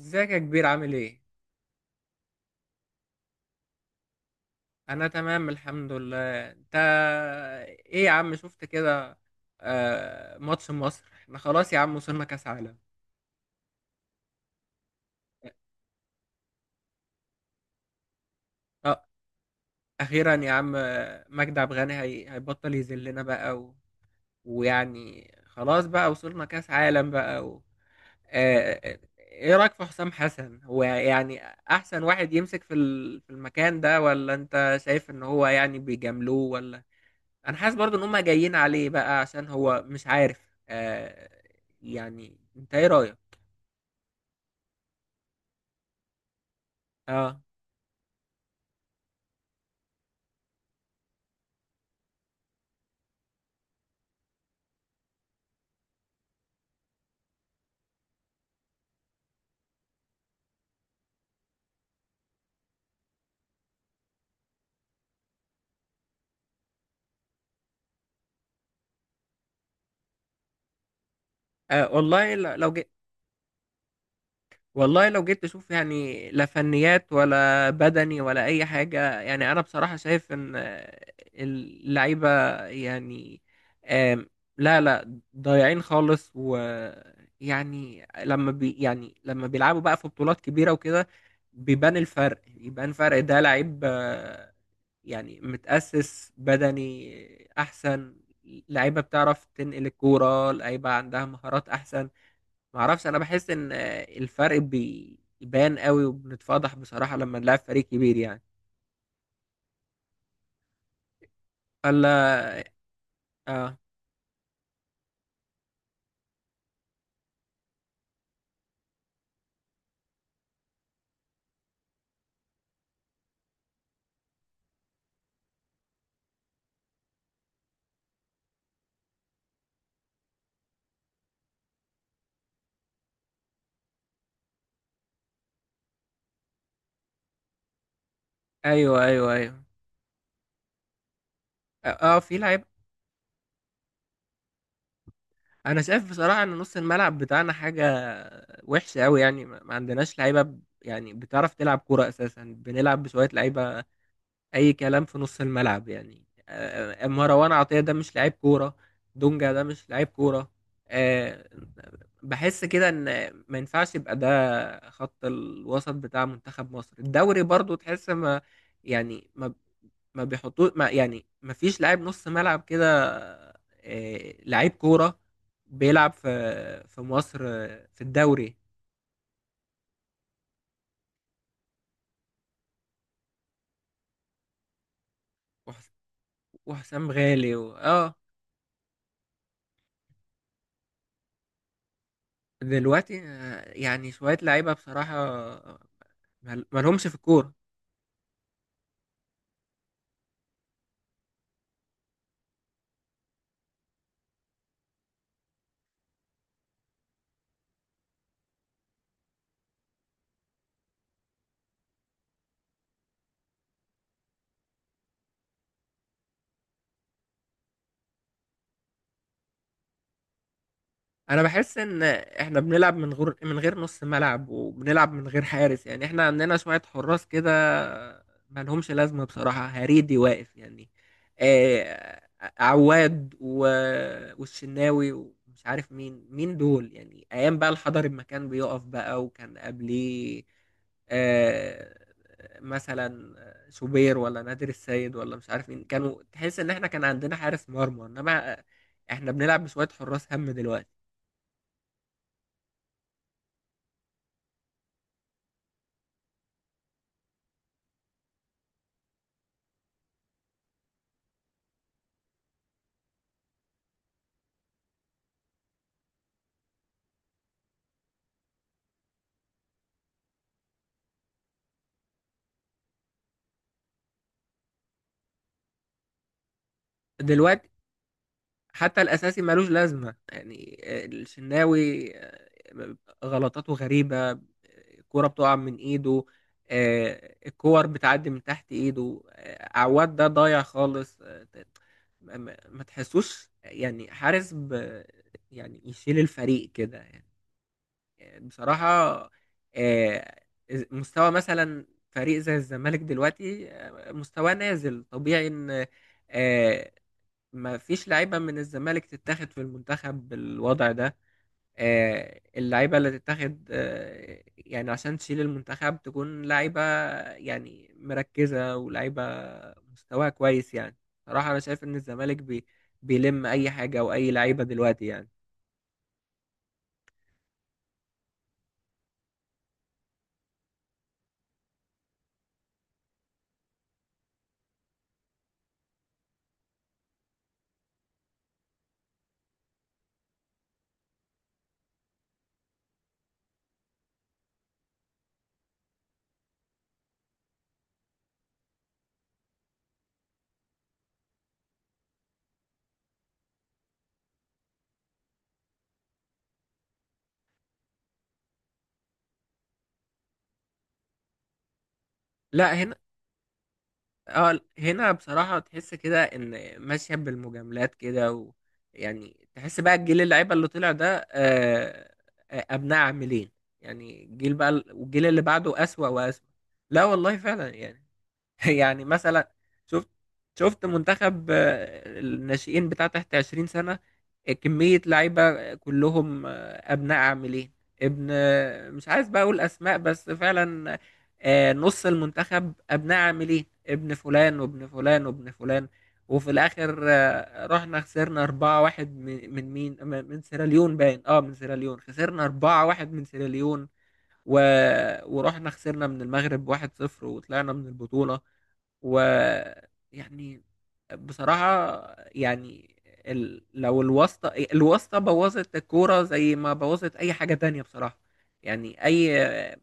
ازيك يا كبير؟ عامل ايه؟ انا تمام الحمد لله. انت ايه يا عم؟ شفت كده؟ آه، ماتش مصر، احنا خلاص يا عم، وصلنا كاس عالم. اه اخيرا يا عم. مجدي عبد الغني هيبطل يذلنا بقى و... ويعني خلاص بقى، وصلنا كاس عالم بقى و... آه آه، ايه رايك في حسام حسن؟ هو يعني احسن واحد يمسك في ال... في المكان ده؟ ولا انت شايف ان هو يعني بيجاملوه؟ ولا انا حاسس برضو ان هم جايين عليه بقى، عشان هو مش عارف. آه يعني انت ايه رايك؟ اه. آه والله لو والله لو جيت تشوف، يعني لا فنيات ولا بدني ولا اي حاجه، يعني انا بصراحه شايف ان اللعيبه يعني آم، لا ضايعين خالص. ويعني لما بي يعني لما بيلعبوا بقى في بطولات كبيره وكده بيبان الفرق، بيبان فرق ده لعيب. يعني متأسس بدني احسن، لعيبه بتعرف تنقل الكوره، لعيبه عندها مهارات احسن. معرفش، انا بحس ان الفرق بيبان قوي وبنتفضح بصراحة لما نلعب فريق كبير يعني. ولا اه. ايوه ايوه ايوه. اه. في لعيب. انا شايف بصراحة ان نص الملعب بتاعنا حاجة وحشة قوي، يعني ما عندناش يعني بتعرف تلعب كورة. اساسا بنلعب بشوية لعيبة اي كلام في نص الملعب. يعني مروان عطية ده مش لعيب كورة، دونجا ده مش لعيب كورة. آه، بحس كده ان ما ينفعش يبقى ده خط الوسط بتاع منتخب مصر. الدوري برضو تحس ما يعني ما ما بيحطوه ما يعني ما فيش لاعب نص ملعب كده، لعيب كورة بيلعب في مصر، في الدوري. وح- وحسام غالي و... اه دلوقتي يعني شوية لعيبة بصراحة مالهمش في الكورة. انا بحس ان احنا بنلعب من غير من غير نص ملعب، وبنلعب من غير حارس. يعني احنا عندنا شوية حراس كده ما لهمش لازمة بصراحة. هريدي واقف يعني، آه، عواد و... والشناوي، ومش عارف مين دول يعني. ايام بقى الحضري ما كان بيقف بقى، وكان قبليه آه مثلا شوبير، ولا نادر السيد، ولا مش عارف مين، كانوا تحس ان احنا كان عندنا حارس مرمى. انما احنا بنلعب بشوية حراس هم دلوقتي. دلوقتي حتى الاساسي ملوش لازمه يعني. الشناوي غلطاته غريبه، الكوره بتقع من ايده، الكور بتعدي من تحت ايده، عواد ده ضايع خالص. ما تحسوش يعني حارس ب يعني يشيل الفريق كده يعني. بصراحة، آه، مستوى مثلا فريق زي الزمالك دلوقتي مستواه نازل. طبيعي ان آه، ما فيش لعيبة من الزمالك تتاخد في المنتخب بالوضع ده. اللعيبة اللي تتاخد يعني عشان تشيل المنتخب تكون لعيبة يعني مركزة، ولعيبة مستواها كويس يعني. صراحة أنا شايف إن الزمالك بيلم أي حاجة أو أي لعيبة دلوقتي يعني. لا هنا. اه هنا بصراحة تحس كده ان ماشية بالمجاملات كده و... يعني تحس بقى الجيل، اللعيبة اللي طلع ده ابناء عاملين. يعني الجيل بقى والجيل اللي بعده اسوأ واسوأ. لا والله فعلا يعني. يعني مثلا شفت شفت منتخب الناشئين بتاع تحت 20 سنة، كمية لعيبة كلهم أبناء عاملين. ابن آه، مش عايز بقى أقول أسماء، بس فعلا نص المنتخب أبناء عاملين. ابن فلان وابن فلان وابن فلان، وفي الآخر رحنا خسرنا 4-1 من مين من سيراليون، باين اه، من سيراليون خسرنا 4-1 من سيراليون و... ورحنا خسرنا من المغرب 1-0 وطلعنا من البطولة و يعني بصراحة يعني ال... لو الواسطة بوظت الكورة زي ما بوظت أي حاجة تانية بصراحة. يعني أي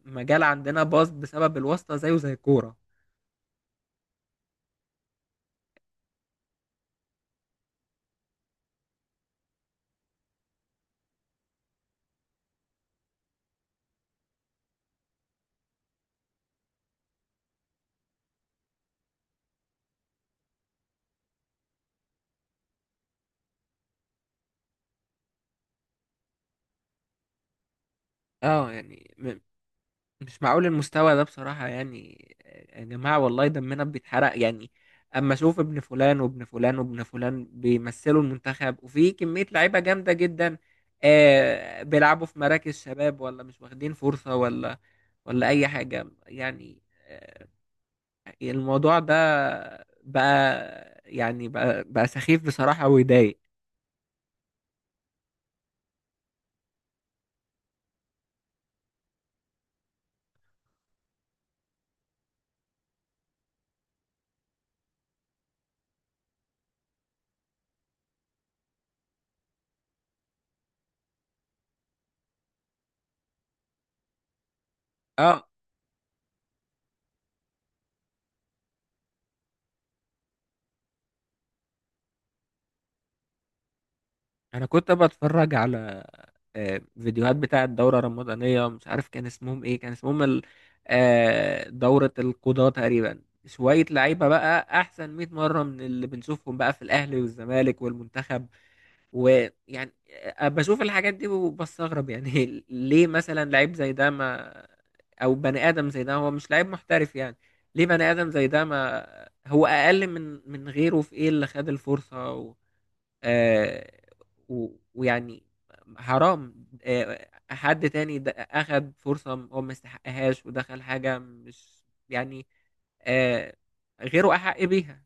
مجال عندنا باظ بسبب الواسطة، زيه زي الكورة. اه يعني مش معقول المستوى ده بصراحة يعني. يا جماعة والله دمنا بيتحرق يعني أما أشوف ابن فلان وابن فلان وابن فلان بيمثلوا المنتخب، وفي كمية لعيبة جامدة جدا آه بيلعبوا في مراكز شباب، ولا مش واخدين فرصة، ولا ولا أي حاجة يعني. آه الموضوع ده بقى يعني بقى سخيف بصراحة ويضايق. اه انا كنت بتفرج على فيديوهات بتاعه الدوره الرمضانيه، مش عارف كان اسمهم ايه، كان اسمهم دوره القضاه تقريبا. شويه لعيبه بقى احسن 100 مره من اللي بنشوفهم بقى في الاهلي والزمالك والمنتخب. ويعني بشوف الحاجات دي وبستغرب يعني. ليه مثلا لعيب زي ده ما، او بني ادم زي ده هو مش لعيب محترف يعني؟ ليه بني ادم زي ده ما هو اقل من غيره في ايه اللي خد الفرصه؟ آه، و- ويعني حرام حد تاني أخد فرصة هو ما يستحقهاش، ودخل حاجة مش يعني آه، غيره أحق بيها.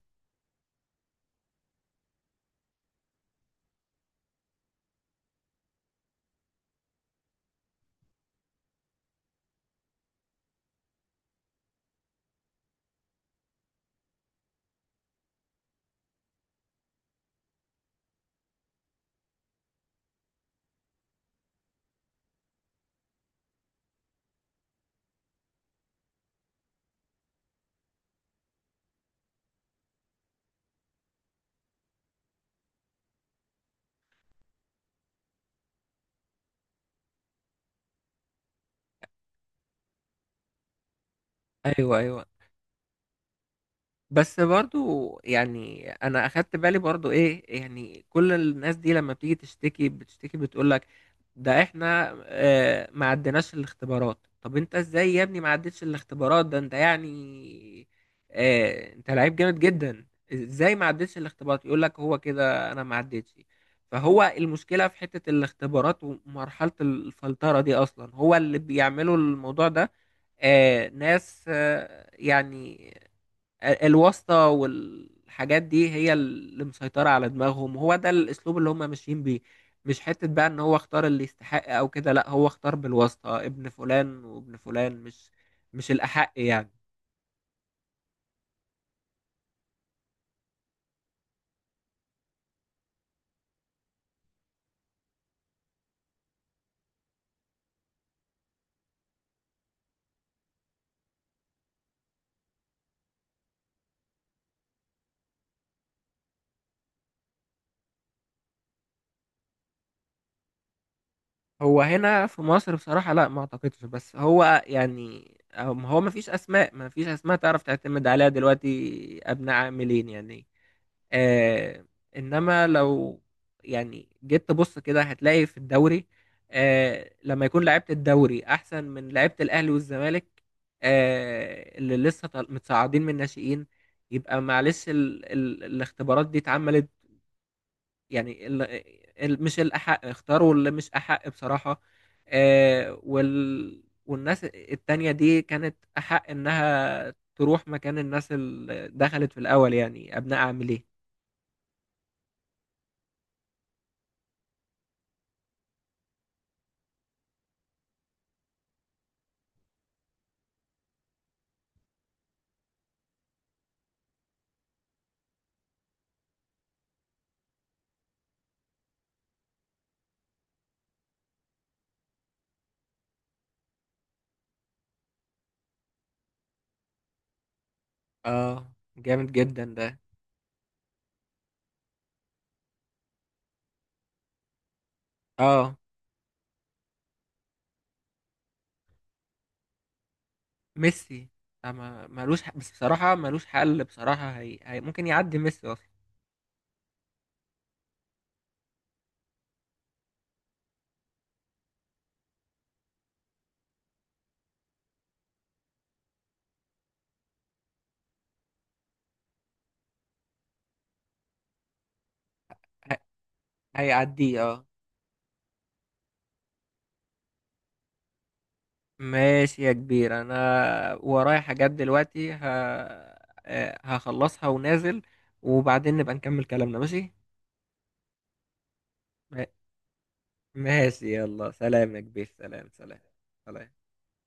ايوه ايوه. بس برضو يعني انا اخدت بالي برضو ايه، يعني كل الناس دي لما بتيجي تشتكي بتشتكي بتقول لك ده احنا ما عدناش الاختبارات. طب انت ازاي يا ابني ما عدتش الاختبارات؟ ده انت يعني انت لعيب جامد جدا. ازاي ما عدتش الاختبارات؟ يقول لك هو كده، انا ما عدتش. فهو المشكلة في حتة الاختبارات ومرحلة الفلترة دي اصلا، هو اللي بيعملوا الموضوع ده. ناس يعني الواسطة والحاجات دي هي اللي مسيطرة على دماغهم. هو ده الأسلوب اللي هم ماشيين بيه، مش حتة بقى إن هو اختار اللي يستحق أو كده. لأ، هو اختار بالواسطة ابن فلان وابن فلان، مش الأحق يعني. هو هنا في مصر بصراحة، لا ما اعتقدش، بس هو يعني هو ما فيش اسماء، ما فيش اسماء تعرف تعتمد عليها دلوقتي، ابناء عاملين يعني. آه انما لو يعني جيت تبص كده هتلاقي في الدوري آه لما يكون لعيبة الدوري احسن من لعيبة الاهلي والزمالك، آه اللي لسه متصاعدين من الناشئين، يبقى معلش ال ال الاختبارات دي اتعملت يعني مش الأحق، اختاروا اللي مش أحق بصراحة. والناس التانية دي كانت أحق إنها تروح مكان الناس اللي دخلت في الأول، يعني أبناء عاملين. اه جامد جدا ده. اه ميسي. أما ملوش حق، بس بصراحة ملوش حل بصراحة. ممكن يعدي ميسي أصلا. هي... هيعديه اه. ماشي يا كبير، انا ورايا حاجات دلوقتي. ه... آه، هخلصها ونازل، وبعدين نبقى نكمل كلامنا، ماشي. ما- ماشي يلا، سلام يا كبير، سلام سلام. سلام.